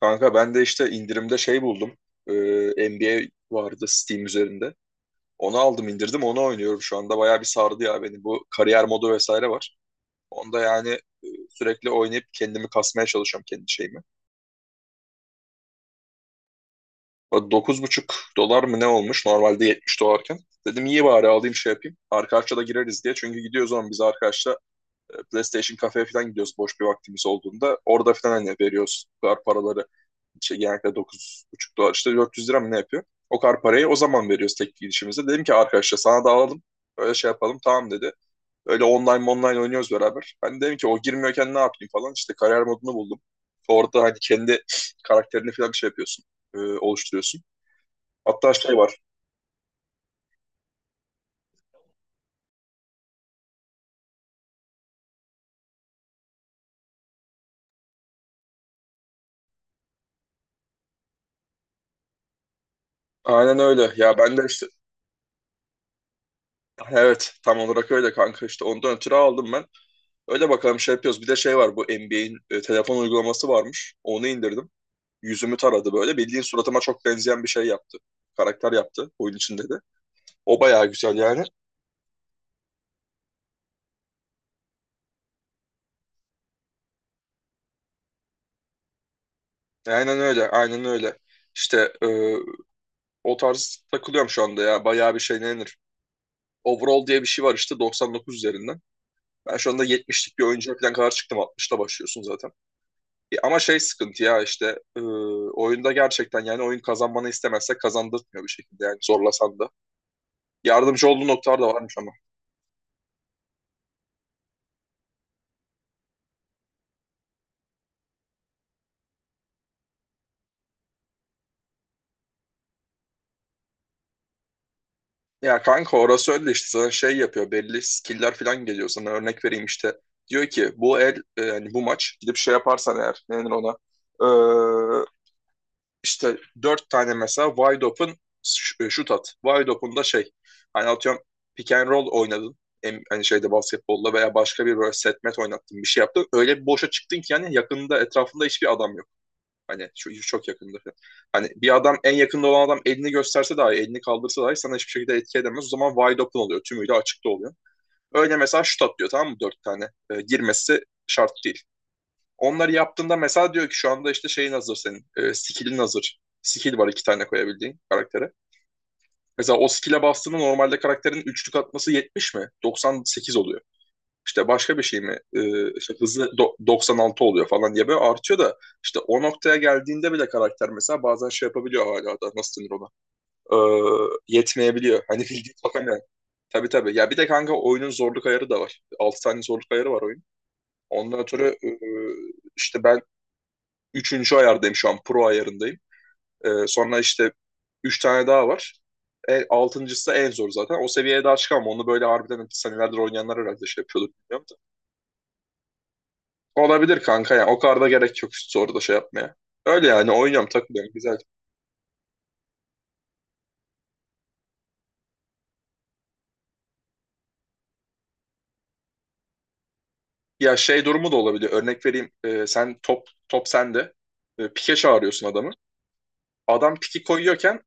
Kanka ben de işte indirimde şey buldum. Ee, NBA vardı Steam üzerinde. Onu aldım indirdim onu oynuyorum şu anda. Bayağı bir sardı ya beni. Bu kariyer modu vesaire var. Onda yani sürekli oynayıp kendimi kasmaya çalışıyorum kendi şeyimi. O 9,5 dolar mı ne olmuş normalde 70 dolarken. Dedim iyi bari alayım şey yapayım. Arkadaşla da gireriz diye. Çünkü gidiyoruz zaman biz arkadaşla PlayStation kafeye falan gidiyoruz boş bir vaktimiz olduğunda. Orada falan hani veriyoruz bu kadar paraları şey, genellikle 9,5 dolar işte 400 lira mı ne yapıyor? O kadar parayı o zaman veriyoruz tek gidişimizde. Dedim ki arkadaşlar sana da alalım. Öyle şey yapalım tamam dedi. Öyle online online oynuyoruz beraber. Ben dedim ki o girmiyorken ne yapayım falan. İşte kariyer modunu buldum. Orada hani kendi karakterini falan bir şey yapıyorsun. Oluşturuyorsun. Hatta şey var. Aynen öyle. Ya ben de işte evet tam olarak öyle kanka işte ondan ötürü aldım ben. Öyle bakalım şey yapıyoruz. Bir de şey var bu NBA'in telefon uygulaması varmış. Onu indirdim. Yüzümü taradı böyle. Bildiğin suratıma çok benzeyen bir şey yaptı. Karakter yaptı oyun içinde de. O bayağı güzel yani. Aynen öyle, aynen öyle. İşte o tarz takılıyorum şu anda ya. Bayağı bir şey ne denir? Overall diye bir şey var işte 99 üzerinden. Ben şu anda 70'lik bir oyuncuya falan kadar çıktım. 60'la başlıyorsun zaten. Ama şey sıkıntı ya işte oyunda gerçekten yani oyun kazanmanı istemezse kazandırtmıyor bir şekilde yani zorlasan da. Yardımcı olduğu noktalar da varmış ama. Ya kanka orası öyle işte sana şey yapıyor belli skill'ler falan geliyor sana örnek vereyim işte diyor ki bu el yani bu maç gidip şey yaparsan eğer ne denir ona. Ee, işte dört tane mesela wide open şut at wide open da şey hani atıyorum pick and roll oynadın. Hani şeyde basketbolla veya başka bir böyle set met oynattın bir şey yaptın öyle bir boşa çıktın ki yani yakında etrafında hiçbir adam yok. Hani şu, çok yakında. Hani bir adam en yakında olan adam elini gösterse dahi, elini kaldırsa dahi sana hiçbir şekilde etki edemez. O zaman wide open oluyor. Tümüyle açıkta oluyor. Öyle mesela şut atlıyor tamam mı? Dört tane. Girmesi şart değil. Onları yaptığında mesela diyor ki şu anda işte şeyin hazır senin. Skill'in hazır. Skill var iki tane koyabildiğin karaktere. Mesela o skill'e bastığında normalde karakterin üçlük atması 70 mi? 98 oluyor. İşte başka bir şey mi? İşte hızı 96 oluyor falan diye böyle artıyor da işte o noktaya geldiğinde bile karakter mesela bazen şey yapabiliyor hala da nasıl denir ona? Yetmeyebiliyor. Hani bildiğin bakan yani. Tabii tabii. Ya bir de kanka oyunun zorluk ayarı da var. 6 tane zorluk ayarı var oyun. Ondan ötürü işte ben üçüncü ayardayım şu an. Pro ayarındayım. Sonra işte 3 tane daha var. Altıncısı da en zor zaten. O seviyeye daha çıkamam. Onu böyle harbiden senelerdir oynayanlar herhalde şey yapıyordur bilmiyorum. Olabilir kanka ya. O kadar da gerek yok üst soruda şey yapmaya. Öyle yani oynuyorum takılıyorum güzel. Ya şey durumu da olabiliyor. Örnek vereyim. Sen top sende. Pike çağırıyorsun adamı. Adam piki koyuyorken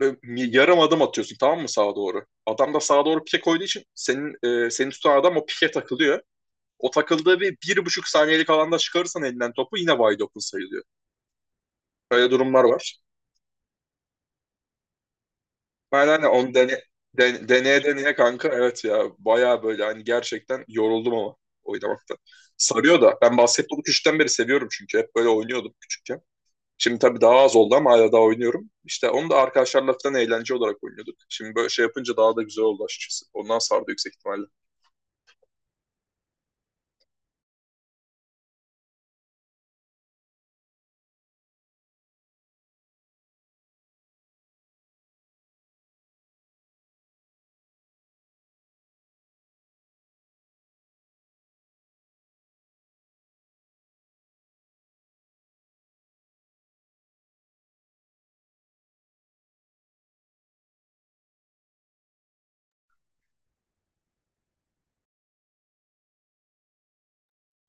böyle yarım adım atıyorsun tamam mı sağa doğru? Adam da sağa doğru pike koyduğu için senin seni tutan adam o pike takılıyor. O takıldığı bir, bir buçuk saniyelik alanda çıkarırsan elinden topu yine wide open sayılıyor. Böyle durumlar var. Aynen aynen onu deneye deneye kanka evet ya baya böyle hani gerçekten yoruldum ama oynamakta. Sarıyor da ben basketbolu küçükten beri seviyorum çünkü hep böyle oynuyordum küçükken. Şimdi tabii daha az oldu ama hala daha oynuyorum. İşte onu da arkadaşlarla falan eğlence olarak oynuyorduk. Şimdi böyle şey yapınca daha da güzel oldu açıkçası. Ondan sardı yüksek ihtimalle.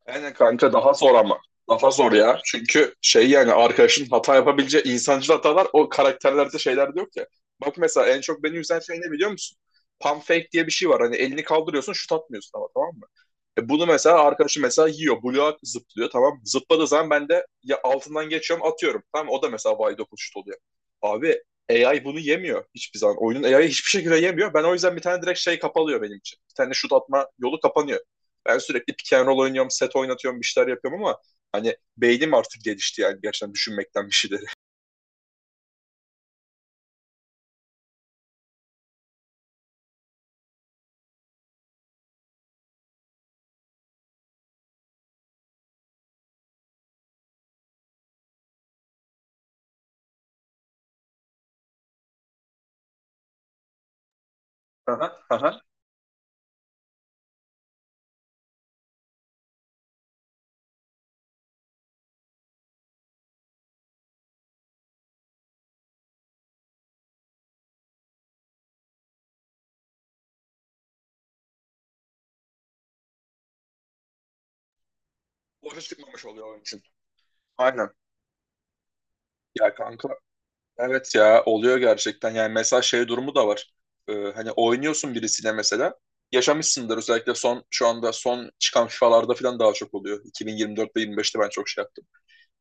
Aynen kanka daha zor ama. Daha zor ya. Çünkü şey yani arkadaşın hata yapabileceği insancıl hatalar o karakterlerde şeyler de yok ya. Bak mesela en çok beni üzen şey ne biliyor musun? Pump fake diye bir şey var. Hani elini kaldırıyorsun şut atmıyorsun ama tamam mı? Bunu mesela arkadaşım mesela yiyor. Buluğa zıplıyor tamam. Zıpladığı zaman ben de ya altından geçiyorum atıyorum. Tamam o da mesela wide open şut oluyor. Abi AI bunu yemiyor hiçbir zaman. Oyunun AI'yi hiçbir şekilde yemiyor. Ben o yüzden bir tane direkt şey kapalıyor benim için. Bir tane şut atma yolu kapanıyor. Ben sürekli pick and roll oynuyorum, set oynatıyorum, bir şeyler yapıyorum ama hani beynim artık gelişti yani gerçekten düşünmekten bir şeyleri. Aha, aha. Boşa çıkmamış oluyor onun için. Aynen. Ya kanka. Evet ya oluyor gerçekten. Yani mesela şey durumu da var. Hani oynuyorsun birisiyle mesela. Yaşamışsındır özellikle son şu anda son çıkan FIFA'larda falan daha çok oluyor. 2024'te 25'te ben çok şey yaptım.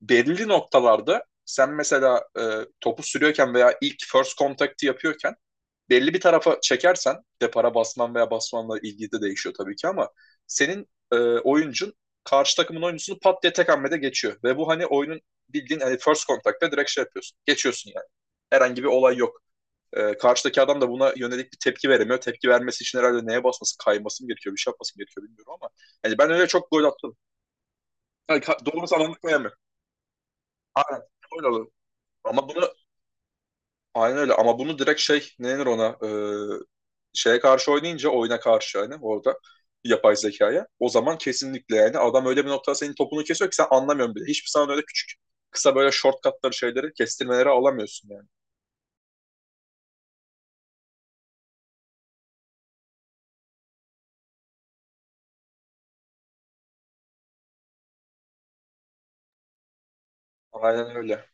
Belli noktalarda sen mesela topu sürüyorken veya ilk first contact'ı yapıyorken belli bir tarafa çekersen depara basman veya basmanla ilgili de değişiyor tabii ki ama senin oyuncun karşı takımın oyuncusunu pat diye tek hamlede geçiyor ve bu hani oyunun bildiğin hani first contact'ta direkt şey yapıyorsun. Geçiyorsun herhangi bir olay yok. Karşıdaki adam da buna yönelik bir tepki veremiyor. Tepki vermesi için herhalde neye basması, kayması mı gerekiyor, bir şey yapması mı gerekiyor bilmiyorum ama yani ben öyle çok gol attım. Yani, doğru zamanlı koyamıyorum. Aynen. Öyle oluyor. Ama bunu aynen öyle ama bunu direkt şey ne denir ona şeye karşı oynayınca oyuna karşı yani orada yapay zekaya o zaman kesinlikle yani adam öyle bir noktada senin topunu kesiyor ki sen anlamıyorsun bile. Hiçbir zaman öyle küçük kısa böyle shortcutları şeyleri kestirmeleri alamıyorsun yani. Aynen öyle.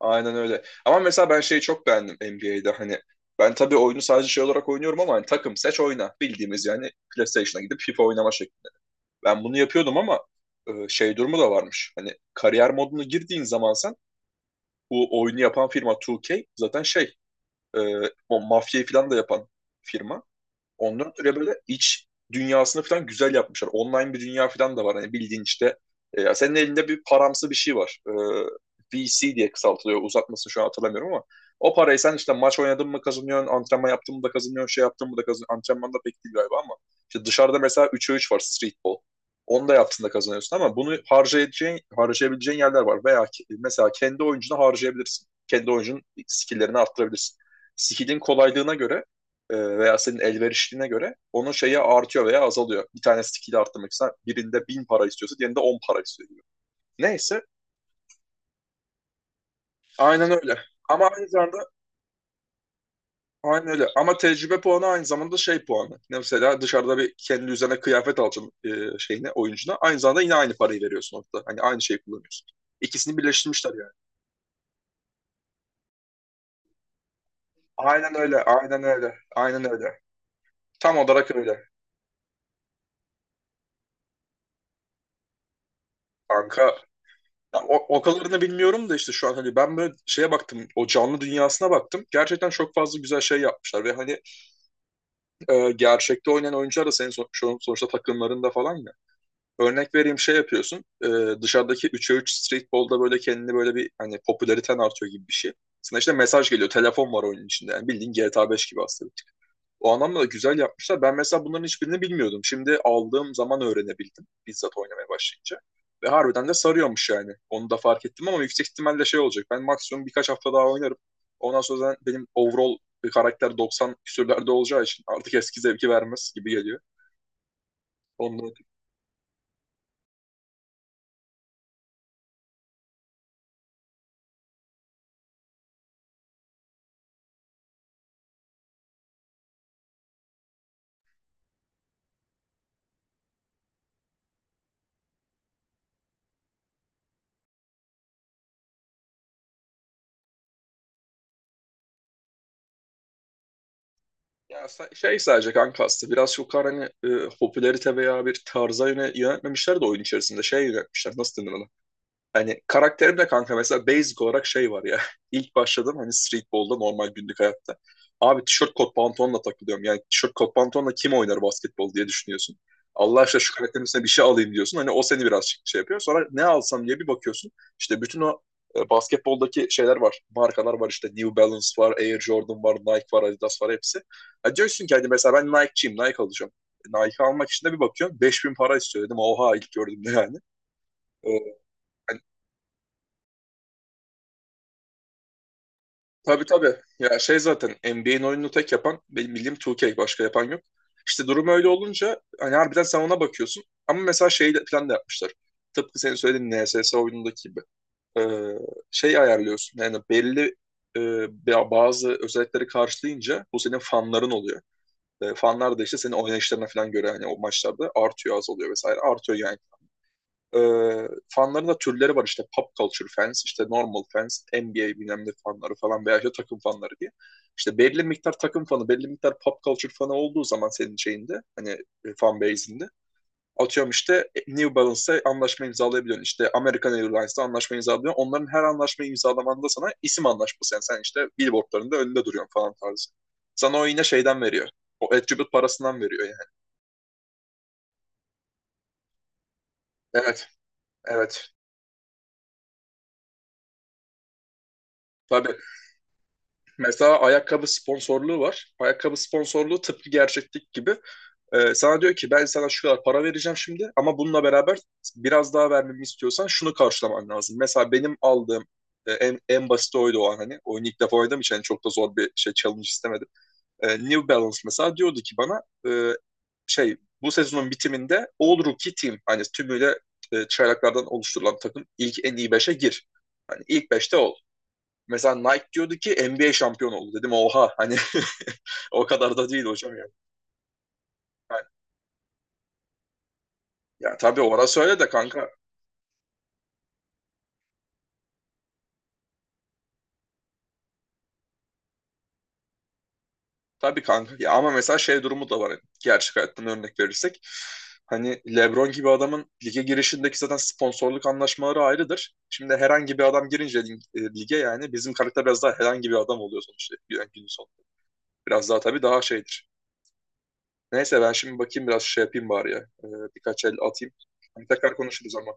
Aynen öyle. Ama mesela ben şeyi çok beğendim NBA'de hani ben tabii oyunu sadece şey olarak oynuyorum ama hani takım seç oyna bildiğimiz yani PlayStation'a gidip FIFA oynama şekli. Ben bunu yapıyordum ama şey durumu da varmış. Hani kariyer modunu girdiğin zaman sen bu oyunu yapan firma 2K zaten şey e, o mafyayı falan da yapan firma. Ondan ötürü böyle iç dünyasını falan güzel yapmışlar. Online bir dünya falan da var. Hani bildiğin işte senin elinde bir paramsı bir şey var. VC diye kısaltılıyor. Uzatmasını şu an hatırlamıyorum ama o parayı sen işte maç oynadın mı kazanıyorsun, antrenman yaptın mı da kazanıyorsun, şey yaptın mı da kazanıyorsun. Antrenman da pek değil galiba ama işte dışarıda mesela 3'e 3 var streetball. Onu da yaptığında kazanıyorsun ama bunu harcayabileceğin yerler var. Veya mesela kendi oyuncunu harcayabilirsin. Kendi oyuncunun skill'lerini arttırabilirsin. Skill'in kolaylığına göre veya senin elverişliğine göre onun şeyi artıyor veya azalıyor. Bir tane skill arttırmak ister. Birinde 1.000 para istiyorsa diğerinde 10 para istiyor. Neyse aynen öyle. Ama aynı zamanda aynen öyle. Ama tecrübe puanı aynı zamanda şey puanı. Mesela dışarıda bir kendi üzerine kıyafet alacaksın şeyine, oyuncuna. Aynı zamanda yine aynı parayı veriyorsun orada. Hani aynı şeyi kullanıyorsun. İkisini birleştirmişler yani. Aynen öyle, aynen öyle, aynen öyle. Tam olarak öyle. Kanka. Ya, o kadarını bilmiyorum da işte şu an hani ben böyle şeye baktım o canlı dünyasına baktım. Gerçekten çok fazla güzel şey yapmışlar ve hani gerçekte oynayan oyuncular da senin sonuçta takımlarında falan ya. Örnek vereyim şey yapıyorsun dışarıdaki 3'e 3 streetball'da böyle kendini böyle bir hani popülariten artıyor gibi bir şey. Sana işte mesaj geliyor telefon var oyunun içinde yani bildiğin GTA 5 gibi aslında o anlamda da güzel yapmışlar. Ben mesela bunların hiçbirini bilmiyordum. Şimdi aldığım zaman öğrenebildim bizzat oynamaya başlayınca. Ve harbiden de sarıyormuş yani. Onu da fark ettim ama yüksek ihtimalle şey olacak. Ben maksimum birkaç hafta daha oynarım. Ondan sonra benim overall bir karakter 90 küsürlerde olacağı için artık eski zevki vermez gibi geliyor. Ondan. Ya şey sadece kanka aslında biraz çok hani popülerite veya bir tarza yöne yönetmemişler de oyun içerisinde şey yönetmişler. Nasıl denir ona? Hani karakterimde kanka mesela basic olarak şey var ya. İlk başladım hani streetball'da normal günlük hayatta. Abi tişört kot pantolonla takılıyorum. Yani tişört kot pantolonla kim oynar basketbol diye düşünüyorsun. Allah aşkına şu karakterin üstüne bir şey alayım diyorsun. Hani o seni birazcık şey yapıyor. Sonra ne alsam diye bir bakıyorsun. İşte bütün o basketboldaki şeyler var. Markalar var işte New Balance var, Air Jordan var, Nike var, Adidas var hepsi. Ha diyorsun ki hani mesela ben Nike'çiyim, Nike alacağım. Nike almak için de bir bakıyorsun 5.000 para istiyor dedim. Oha ilk gördüğümde yani. E, Tabii tabii. Ya şey zaten NBA'in oyununu tek yapan benim bildiğim 2K başka yapan yok. İşte durum öyle olunca hani harbiden sen ona bakıyorsun. Ama mesela şey plan da yapmışlar. Tıpkı senin söylediğin NSS oyunundaki gibi. Ee, Şey ayarlıyorsun yani belli e, bazı özellikleri karşılayınca bu senin fanların oluyor. Fanlar da işte senin oynayışlarına falan göre hani o maçlarda artıyor azalıyor vesaire artıyor yani. E, Fanların da türleri var işte pop culture fans, işte normal fans, NBA bilmem ne fanları falan veya işte takım fanları diye. İşte belli miktar takım fanı, belli miktar pop culture fanı olduğu zaman senin şeyinde hani fan base'inde atıyorum işte New Balance'la anlaşma imzalayabiliyorsun. İşte American Airlines'la anlaşma imzalıyorsun. Onların her anlaşma imzalamanda sana isim anlaşması. Yani sen işte billboardlarında önünde duruyorsun falan tarzı. Sana o yine şeyden veriyor. O attribute parasından veriyor yani. Evet, evet. Tabii. Mesela ayakkabı sponsorluğu var. Ayakkabı sponsorluğu tıpkı gerçeklik gibi. Sana diyor ki ben sana şu kadar para vereceğim şimdi ama bununla beraber biraz daha vermemi istiyorsan şunu karşılaman lazım. Mesela benim aldığım en basit oydu o an hani. Oyunu ilk defa oynadığım için hani çok da zor bir şey challenge istemedim. New Balance mesela diyordu ki bana e, şey bu sezonun bitiminde All Rookie Team hani tümüyle çaylaklardan oluşturulan takım ilk en iyi beşe gir. Hani ilk beşte ol. Mesela Nike diyordu ki NBA şampiyon oldu. Dedim oha hani o kadar da değil hocam ya. Yani, ya tabii ona söyle de kanka. Tabii kanka. Ya ama mesela şey durumu da var. Hani, gerçek hayattan örnek verirsek. Hani LeBron gibi adamın lige girişindeki zaten sponsorluk anlaşmaları ayrıdır. Şimdi herhangi bir adam girince lige yani bizim karakter biraz daha herhangi bir adam oluyor sonuçta yani günün sonunda. Biraz daha tabii daha şeydir. Neyse ben şimdi bakayım biraz şey yapayım bari ya. Ee, Birkaç el atayım. Hani tekrar konuşuruz ama.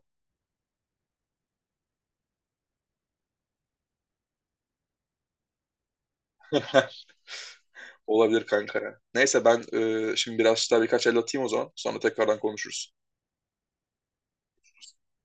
Olabilir kanka ya. Neyse ben şimdi biraz daha birkaç el atayım o zaman. Sonra tekrardan konuşuruz.